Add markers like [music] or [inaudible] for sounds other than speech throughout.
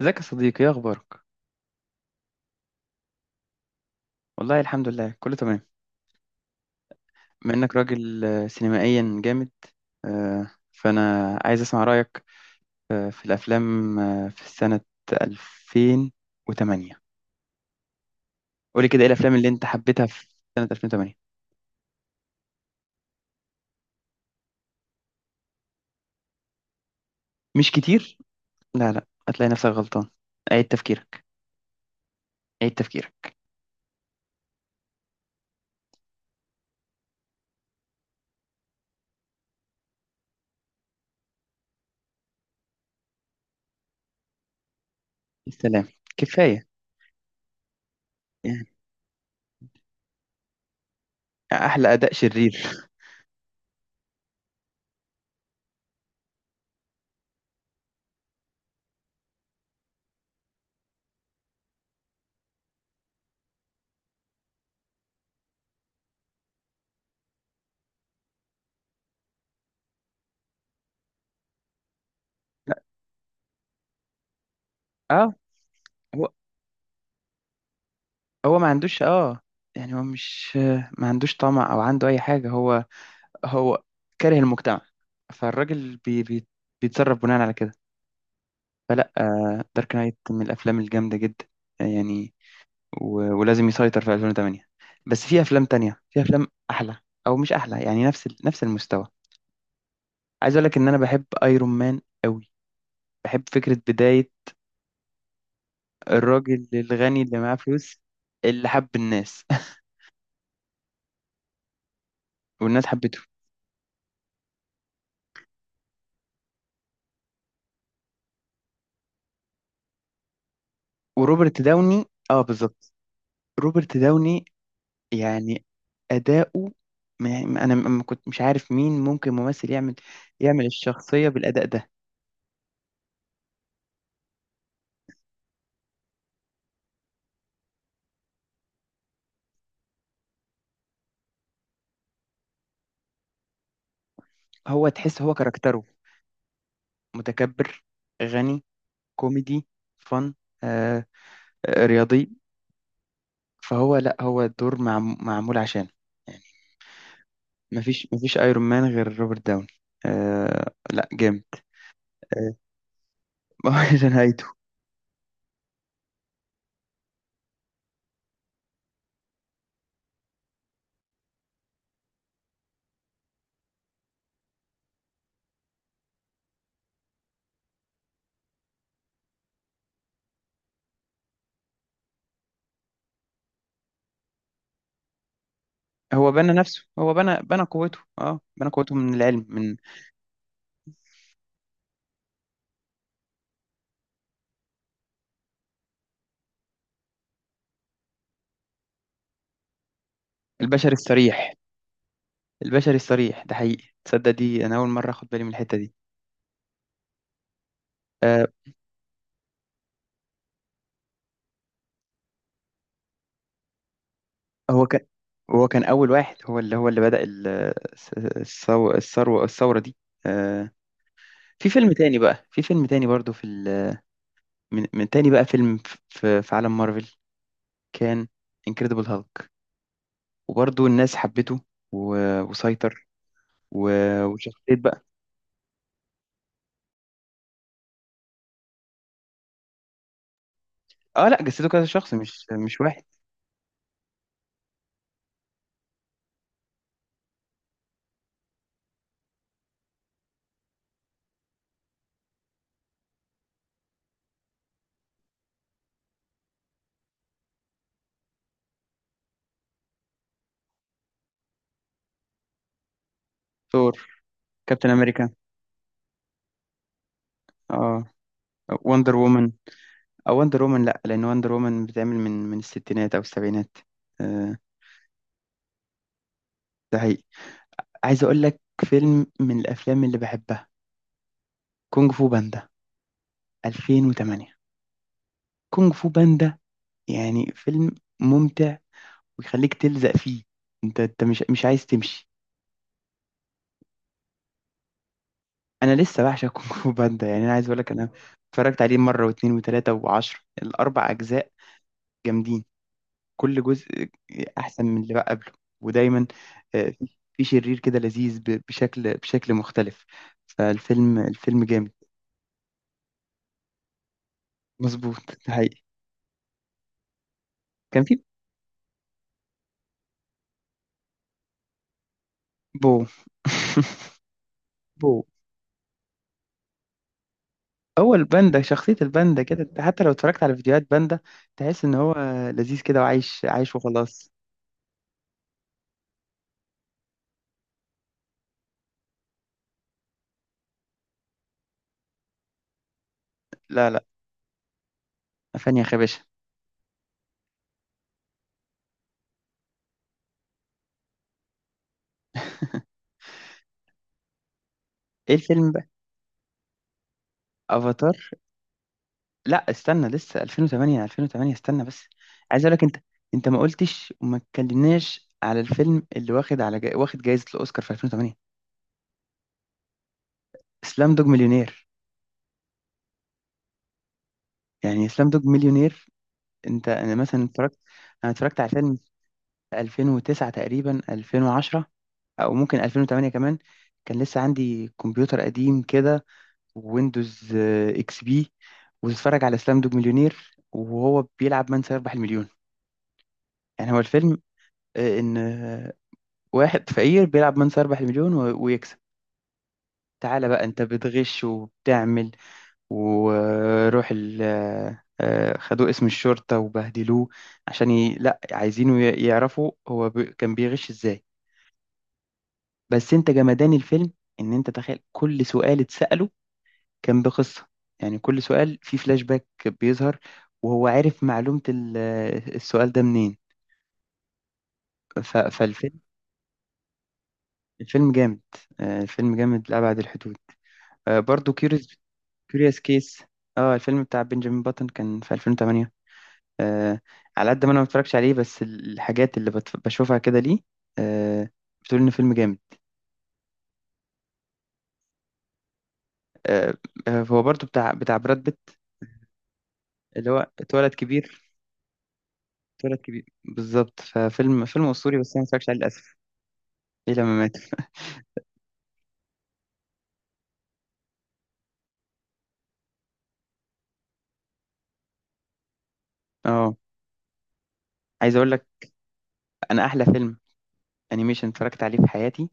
ازيك يا صديقي؟ ايه اخبارك؟ والله الحمد لله كله تمام. بما انك راجل سينمائيا جامد، فانا عايز اسمع رايك في الافلام في سنه 2008. قولي كده ايه الافلام اللي انت حبيتها في سنه 2008؟ مش كتير. لا لا، هتلاقي نفسك غلطان. عيد تفكيرك. عيد تفكيرك. السلام. كفايه يعني. احلى اداء شرير. [laughs] اه، هو هو ما عندوش. اه يعني هو مش، ما عندوش طمع او عنده اي حاجه. هو هو كاره المجتمع. فالراجل بي بي بيتصرف بناء على كده. فلا، دارك نايت من الافلام الجامده جدا. يعني ولازم يسيطر في 2008. بس في افلام تانية، في افلام احلى، او مش احلى يعني نفس المستوى. عايز اقول لك ان انا بحب ايرون مان قوي. بحب فكره بدايه الراجل الغني اللي معاه فلوس، اللي حب الناس [laughs] والناس حبته. وروبرت داوني، اه بالظبط، روبرت داوني يعني أداؤه. أنا ما كنت مش عارف مين ممكن ممثل يعمل، الشخصية بالأداء ده. هو تحس هو كاركتره متكبر، غني، كوميدي، فن، آه رياضي. فهو لا، هو الدور معمول عشانه يعني. مفيش ايرون مان غير روبرت داوني. آه لا، جامد. آه. [laughs] ما هو ده نهايته. هو بنى نفسه. هو بنى قوته. اه بنى قوته من العلم، من البشر الصريح، البشري الصريح. ده حقيقي، تصدق دي انا اول مره اخد بالي من الحته دي. آه. هو كان هو كان اول واحد، هو اللي بدأ الثروه، الثوره دي. آه. في فيلم تاني بقى، في فيلم تاني برضو من تاني بقى فيلم في عالم مارفل، كان انكريدبل هالك. وبرضو الناس حبته وسيطر وشخصيه بقى. اه لا، جسده كذا شخص، مش واحد. ثور، كابتن امريكا. اه وندر وومن، او وندر وومن لا، لان وندر وومن بتعمل من الستينات او السبعينات. آه، ده حقيقي. عايز اقول لك فيلم من الافلام اللي بحبها، كونج فو باندا 2008. كونج فو باندا يعني فيلم ممتع ويخليك تلزق فيه، انت مش عايز تمشي. انا لسه بعشق كونج فو باندا، يعني انا عايز اقول لك انا اتفرجت عليه مره واثنين وثلاثه وعشرة. الاربع اجزاء جامدين، كل جزء احسن من اللي بقى قبله. ودايما في شرير كده لذيذ بشكل مختلف. الفيلم جامد. مظبوط. ده حقيقي. كان في بو. [laughs] بو هو الباندا، شخصية الباندا كده، انت حتى لو اتفرجت على فيديوهات باندا تحس ان هو لذيذ كده وعايش عايش وخلاص. لا لا، فاني يا خباشة. ايه الفيلم بقى؟ افاتار؟ لا استنى، لسه 2008. 2008 استنى بس. عايز اقول لك انت، ما قلتش وما اتكلمناش على الفيلم اللي واخد على واخد جائزة الأوسكار في 2008. اسلام دوج مليونير. يعني اسلام دوج مليونير، انت انا مثلا اتفرجت. انا اتفرجت على الفيلم في 2009 تقريبا، 2010، او ممكن 2008 كمان. كان لسه عندي كمبيوتر قديم كده، ويندوز اكس بي، وتتفرج على اسلام دوج مليونير وهو بيلعب من سيربح المليون. يعني هو الفيلم ان واحد فقير بيلعب من 4 مليون ويكسب. تعالى بقى انت بتغش وبتعمل، وروح ال، خدوه اسم الشرطة وبهدلوه عشان لا، عايزينه يعرفوا هو كان بيغش ازاي. بس انت جمدان الفيلم، ان انت تخيل كل سؤال اتسأله كان بقصة. يعني كل سؤال فيه فلاش باك بيظهر، وهو عارف معلومة السؤال ده منين. فالفيلم، الفيلم جامد. الفيلم جامد لأبعد الحدود. برضو كيوريوس، كوريوس كيس، اه الفيلم بتاع بنجامين باتون، كان في 2008. آه. على قد ما انا ما اتفرجش عليه، بس الحاجات اللي بشوفها كده ليه آه، بتقول ان فيلم جامد. آه هو برضو بتاع براد بيت، اللي هو اتولد كبير. اتولد كبير بالظبط. فيلم اسطوري، بس انا ما اتفرجش عليه للاسف. ايه لما مات. اه. عايز اقول لك، انا احلى فيلم انيميشن اتفرجت عليه في حياتي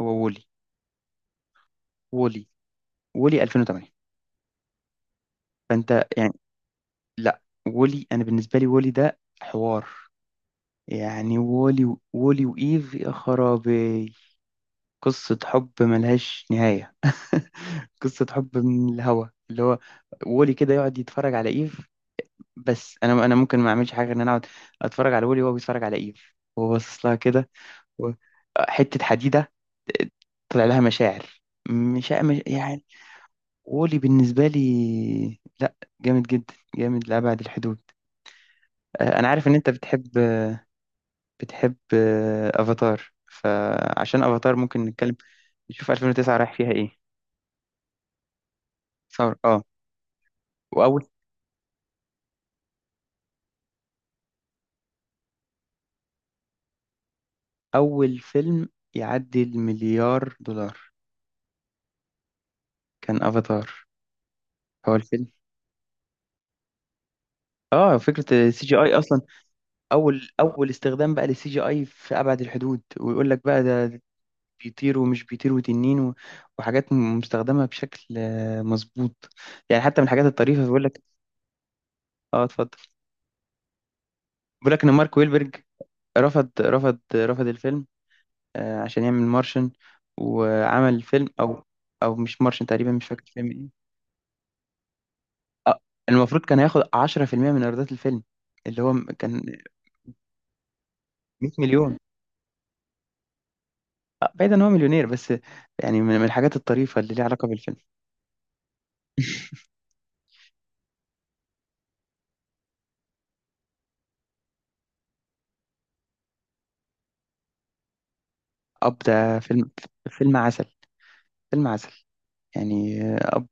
هو وولي. وولي. وولي 2008. فانت يعني لا، وولي انا بالنسبه لي وولي ده حوار. يعني وولي، وولي وإيف، يا خرابي. قصة حب ملهاش نهاية. [laughs] قصة حب من الهوا، اللي هو وولي كده يقعد يتفرج على إيف. بس أنا ممكن ما أعملش حاجة غير إن أنا أقعد أتفرج على وولي وهو بيتفرج على إيف وهو باصص لها كده و- حتة حديدة، آه، طلع لها مشاعر، يعني. وولي بالنسبة لي لا، جامد جدا، جامد لأبعد الحدود. أنا عارف إن أنت بتحب، افاتار. فعشان افاتار ممكن نتكلم، نشوف 2009 رايح فيها ايه. ثور اه. واول اول فيلم يعدي المليار دولار كان افاتار. هو الفيلم. اه فكرة السي جي اي اصلا، اول استخدام بقى للسي جي اي في ابعد الحدود. ويقول لك بقى ده بيطير ومش بيطير وتنين وحاجات مستخدمة بشكل مظبوط. يعني حتى من الحاجات الطريفة، بيقول لك. اه اتفضل. بيقول لك ان مارك ويلبرج رفض الفيلم عشان يعمل مارشن. وعمل فيلم، او مش مارشن تقريبا، مش فاكر فيلم ايه. آه، المفروض كان هياخد 10% من ايرادات الفيلم اللي هو كان 100 مليون. بعيد ان هو مليونير، بس يعني من الحاجات الطريفة اللي ليها علاقة بالفيلم. [laughs] اب ده فيلم، فيلم عسل فيلم عسل. يعني اب.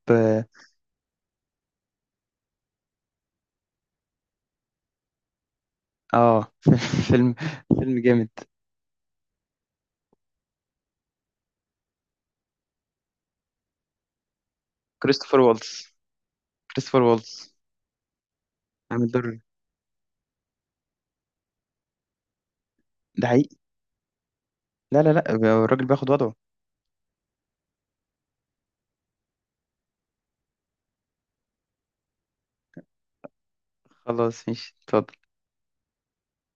اه. [laughs] فيلم فيلم جامد. كريستوفر والتز، كريستوفر والتز عامل دور. ده حقيقي. لا لا لا، الراجل بياخد وضعه. خلاص ماشي، اتفضل.